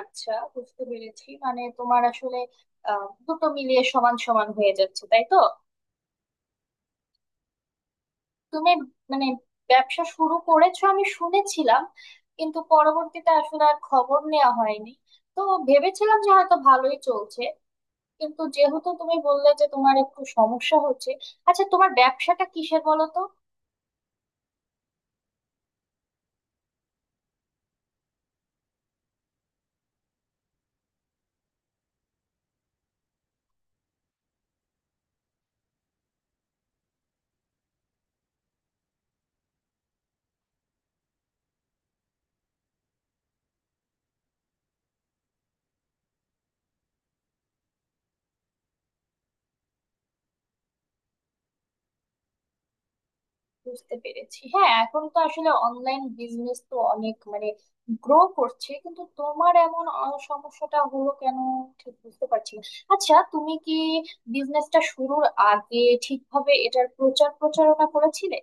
আচ্ছা, বুঝতে পেরেছি। মানে তোমার আসলে দুটো মিলিয়ে সমান সমান হয়ে যাচ্ছে, তাই তো? তুমি মানে ব্যবসা শুরু করেছো আমি শুনেছিলাম, কিন্তু পরবর্তীতে আসলে আর খবর নেওয়া হয়নি। তো ভেবেছিলাম যে হয়তো ভালোই চলছে, কিন্তু যেহেতু তুমি বললে যে তোমার একটু সমস্যা হচ্ছে। আচ্ছা, তোমার ব্যবসাটা কিসের বলো তো? বুঝতে পেরেছি। হ্যাঁ, এখন তো আসলে অনলাইন বিজনেস তো অনেক মানে গ্রো করছে, কিন্তু তোমার এমন সমস্যাটা হলো কেন ঠিক বুঝতে পারছি না। আচ্ছা, তুমি কি বিজনেসটা শুরুর আগে ঠিকভাবে এটার প্রচার প্রচারণা করেছিলে?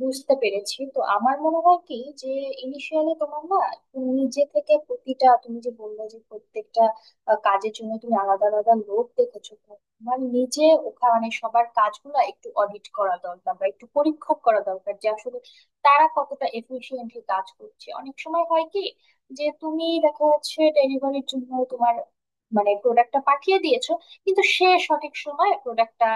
বুঝতে পেরেছি। তো আমার মনে হয় কি, যে ইনিশিয়ালি তোমার না একটু নিজে থেকে প্রতিটা, তুমি যে বললে যে প্রত্যেকটা কাজের জন্য তুমি আলাদা আলাদা লোক দেখেছো, তো তোমার নিজে ওখানে সবার কাজগুলো একটু অডিট করা দরকার, বা একটু পরীক্ষা করা দরকার যে আসলে তারা কতটা এফিশিয়েন্টলি কাজ করছে। অনেক সময় হয় কি যে তুমি দেখা যাচ্ছে ডেলিভারির জন্য তোমার মানে প্রোডাক্টটা পাঠিয়ে দিয়েছো, কিন্তু সে সঠিক সময় প্রোডাক্টটা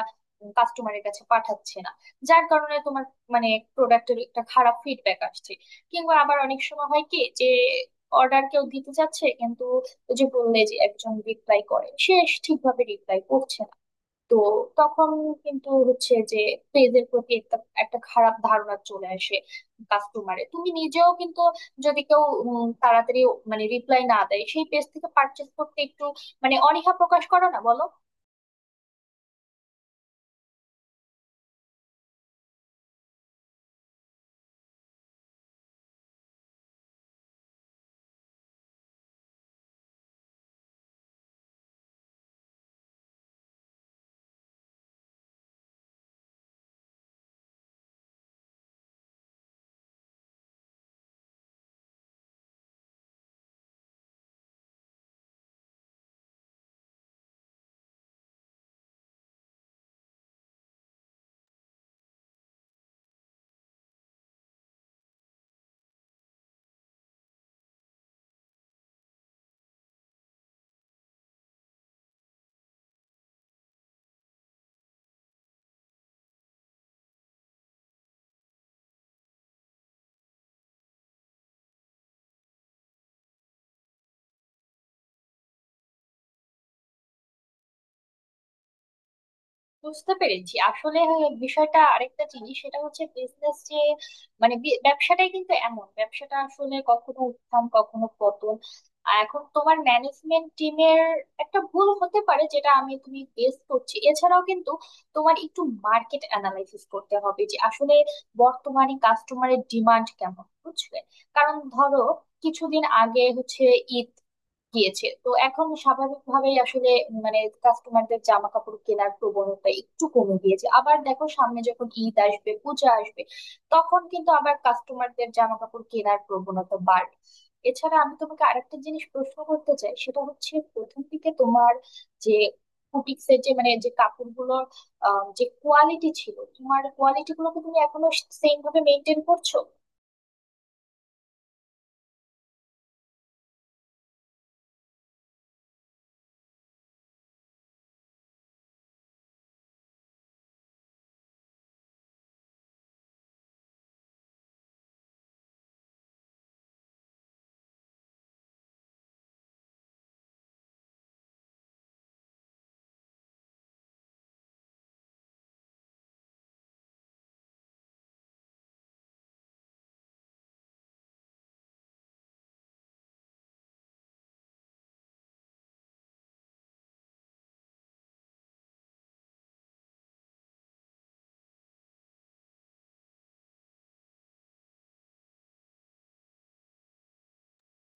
কাস্টমারের কাছে পাঠাচ্ছে না, যার কারণে তোমার মানে প্রোডাক্টের একটা খারাপ ফিডব্যাক আসছে। কিংবা আবার অনেক সময় হয় কি যে অর্ডার কেউ দিতে চাচ্ছে, কিন্তু ওই যে বললে যে একজন রিপ্লাই করে, সে ঠিকভাবে রিপ্লাই করছে না। তো তখন কিন্তু হচ্ছে যে পেজের প্রতি একটা একটা খারাপ ধারণা চলে আসে কাস্টমারে। তুমি নিজেও কিন্তু যদি কেউ তাড়াতাড়ি মানে রিপ্লাই না দেয়, সেই পেজ থেকে পারচেস করতে একটু মানে অনীহা প্রকাশ করো না, বলো? বুঝতে পেরেছি। আসলে বিষয়টা আরেকটা জিনিস, সেটা হচ্ছে বিজনেস যে মানে ব্যবসাটাই কিন্তু এমন, ব্যবসাটা আসলে কখনো উত্থান কখনো পতন। আর এখন তোমার ম্যানেজমেন্ট টিমের একটা ভুল হতে পারে, যেটা আমি তুমি গেস করছি। এছাড়াও কিন্তু তোমার একটু মার্কেট অ্যানালাইসিস করতে হবে যে আসলে বর্তমানে কাস্টমারের ডিমান্ড কেমন, বুঝলে। কারণ ধরো কিছুদিন আগে হচ্ছে ঈদ গিয়েছে, তো এখন স্বাভাবিকভাবেই আসলে মানে কাস্টমারদের জামা কাপড় কেনার প্রবণতা একটু কমে গিয়েছে। আবার দেখো সামনে যখন ঈদ আসবে, পূজা আসবে, তখন কিন্তু আবার কাস্টমারদের জামা কাপড় কেনার প্রবণতা বাড়বে। এছাড়া আমি তোমাকে আরেকটা জিনিস প্রশ্ন করতে চাই, সেটা হচ্ছে প্রথম দিকে তোমার যে বুটিক্সের যে মানে যে কাপড়গুলোর যে কোয়ালিটি ছিল, তোমার কোয়ালিটি গুলোকে তুমি এখনো সেম ভাবে মেনটেন করছো?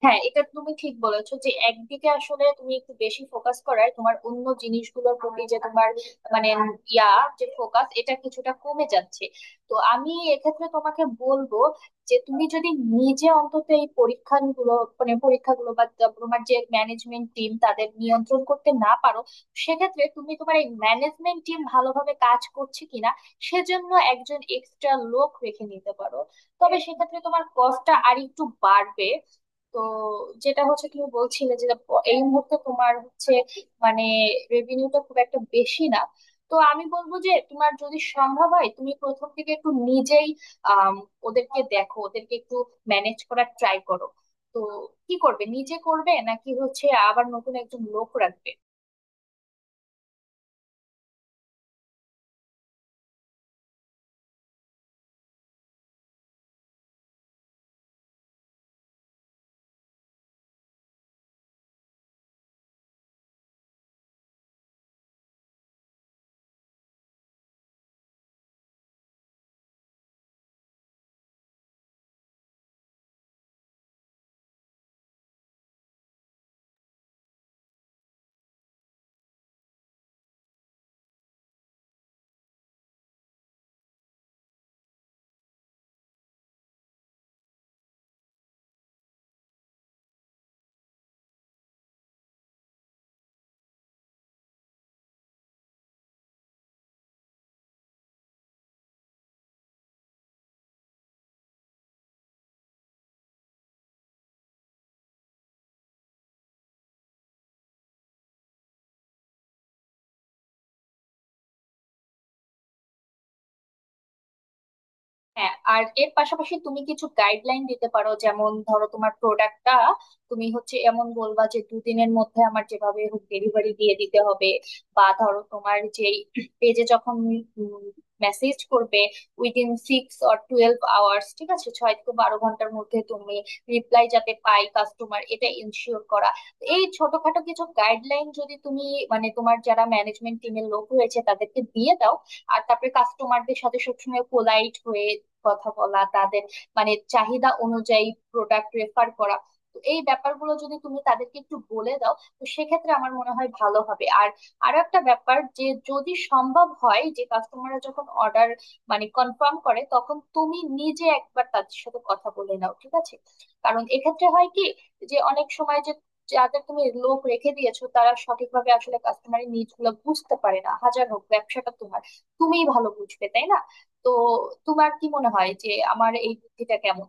হ্যাঁ, এটা তুমি ঠিক বলেছো যে একদিকে আসলে তুমি একটু বেশি ফোকাস করায় তোমার অন্য জিনিসগুলোর প্রতি যে তোমার মানে ইয়া যে ফোকাস, এটা কিছুটা কমে যাচ্ছে। তো আমি এক্ষেত্রে তোমাকে বলবো যে তুমি যদি নিজে অন্তত এই পরীক্ষাগুলো মানে পরীক্ষাগুলো বা তোমার যে ম্যানেজমেন্ট টিম তাদের নিয়ন্ত্রণ করতে না পারো, সেক্ষেত্রে তুমি তোমার এই ম্যানেজমেন্ট টিম ভালোভাবে কাজ করছে কিনা সেজন্য একজন এক্সট্রা লোক রেখে নিতে পারো। তবে সেক্ষেত্রে তোমার কস্টটা আর একটু বাড়বে। তো যেটা হচ্ছে তুমি বলছিলে যে এই মুহূর্তে তোমার হচ্ছে মানে রেভিনিউটা খুব একটা বেশি না। তো আমি বলবো যে তোমার যদি সম্ভব হয় তুমি প্রথম থেকে একটু নিজেই আম, ওদেরকে দেখো, ওদেরকে একটু ম্যানেজ করার ট্রাই করো। তো কি করবে, নিজে করবে নাকি হচ্ছে আবার নতুন একজন লোক রাখবে? হ্যাঁ, আর এর পাশাপাশি তুমি কিছু গাইডলাইন দিতে পারো, যেমন ধরো তোমার প্রোডাক্টটা তুমি হচ্ছে এমন বলবা যে দুদিনের মধ্যে আমার যেভাবে হোক ডেলিভারি দিয়ে দিতে হবে। বা ধরো তোমার যেই পেজে যখন মেসেজ করবে within six or twelve hours, ঠিক আছে, ছয় থেকে বারো ঘন্টার মধ্যে তুমি রিপ্লাই যাতে পাই কাস্টমার, এটা ইনশিওর করা। তো এই ছোটখাটো কিছু গাইডলাইন যদি তুমি মানে তোমার যারা ম্যানেজমেন্ট টিমের লোক রয়েছে তাদেরকে দিয়ে দাও, আর তারপরে কাস্টমারদের সাথে সবসময় পোলাইট হয়ে কথা বলা, তাদের মানে চাহিদা অনুযায়ী প্রোডাক্ট রেফার করা, তো এই ব্যাপারগুলো যদি তুমি তাদেরকে একটু বলে দাও, তো সেক্ষেত্রে আমার মনে হয় ভালো হবে। আর আরো একটা ব্যাপার, যে যদি সম্ভব হয় যে কাস্টমাররা যখন অর্ডার মানে কনফার্ম করে, তখন তুমি নিজে একবার তাদের সাথে কথা বলে নাও, ঠিক আছে? কারণ এক্ষেত্রে হয় কি যে অনেক সময় যে যাদের তুমি লোক রেখে দিয়েছো তারা সঠিকভাবে আসলে কাস্টমারের নিডস গুলো বুঝতে পারে না। হাজার হোক ব্যবসাটা তোমার, তুমিই ভালো বুঝবে, তাই না? তো তোমার কি মনে হয় যে আমার এই বুদ্ধিটা কেমন?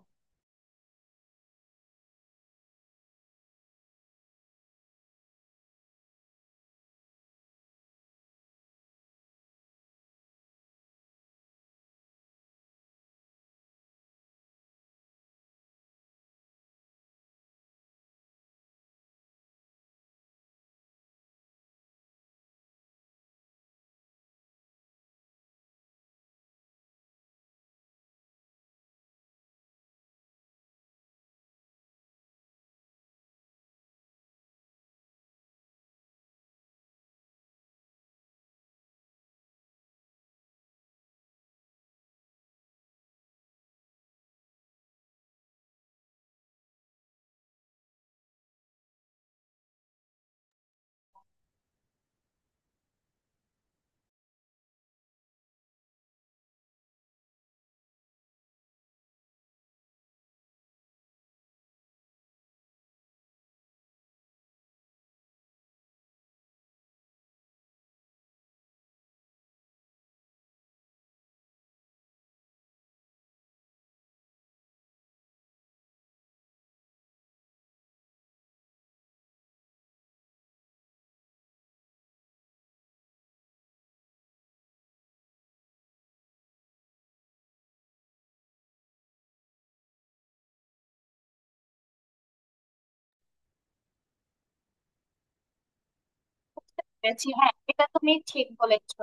বলেছি। হ্যাঁ, এটা তুমি ঠিক বলেছো।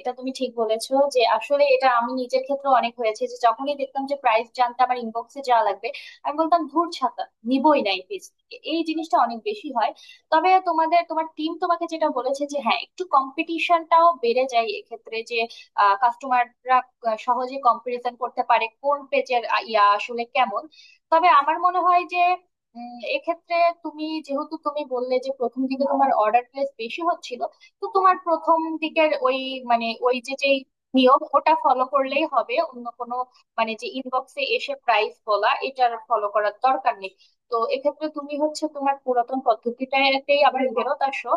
এটা তুমি ঠিক বলেছো যে আসলে এটা আমি নিজের ক্ষেত্রে অনেক হয়েছে যে যখনই দেখতাম যে প্রাইস জানতে আমার ইনবক্সে যাওয়া লাগবে, আমি বলতাম ধুর ছাতা, নিবই না এই পেজ থেকে। এই জিনিসটা অনেক বেশি হয়। তবে তোমাদের তোমার টিম তোমাকে যেটা বলেছে যে হ্যাঁ একটু কম্পিটিশনটাও বেড়ে যায় এক্ষেত্রে, যে কাস্টমাররা সহজে কম্পারিজন করতে পারে কোন পেজের ইয়া আসলে কেমন। তবে আমার মনে হয় যে এক্ষেত্রে তুমি যেহেতু তুমি বললে যে প্রথম দিকে তোমার অর্ডার প্লেস বেশি হচ্ছিল, তো তোমার প্রথম দিকের ওই মানে ওই যে যেই নিয়ম ওটা ফলো করলেই হবে, অন্য কোনো মানে যে ইনবক্সে এসে প্রাইস বলা, এটার ফলো করার দরকার নেই। তো এক্ষেত্রে তুমি হচ্ছে তোমার পুরাতন পদ্ধতিটাতেই আবার ফেরত আসো।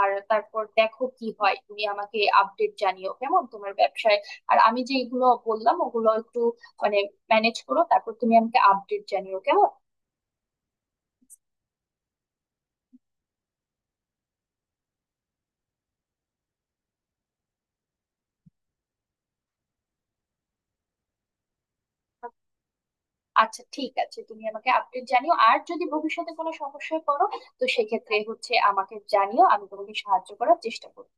আর তারপর দেখো কি হয়, তুমি আমাকে আপডেট জানিও কেমন তোমার ব্যবসায়। আর আমি যে এগুলো বললাম ওগুলো একটু মানে ম্যানেজ করো, তারপর তুমি আমাকে আপডেট জানিও কেমন। আচ্ছা, ঠিক আছে, তুমি আমাকে আপডেট জানিও। আর যদি ভবিষ্যতে কোনো সমস্যায় পড়ো, তো সেক্ষেত্রে হচ্ছে আমাকে জানিও, আমি তোমাকে সাহায্য করার চেষ্টা করবো।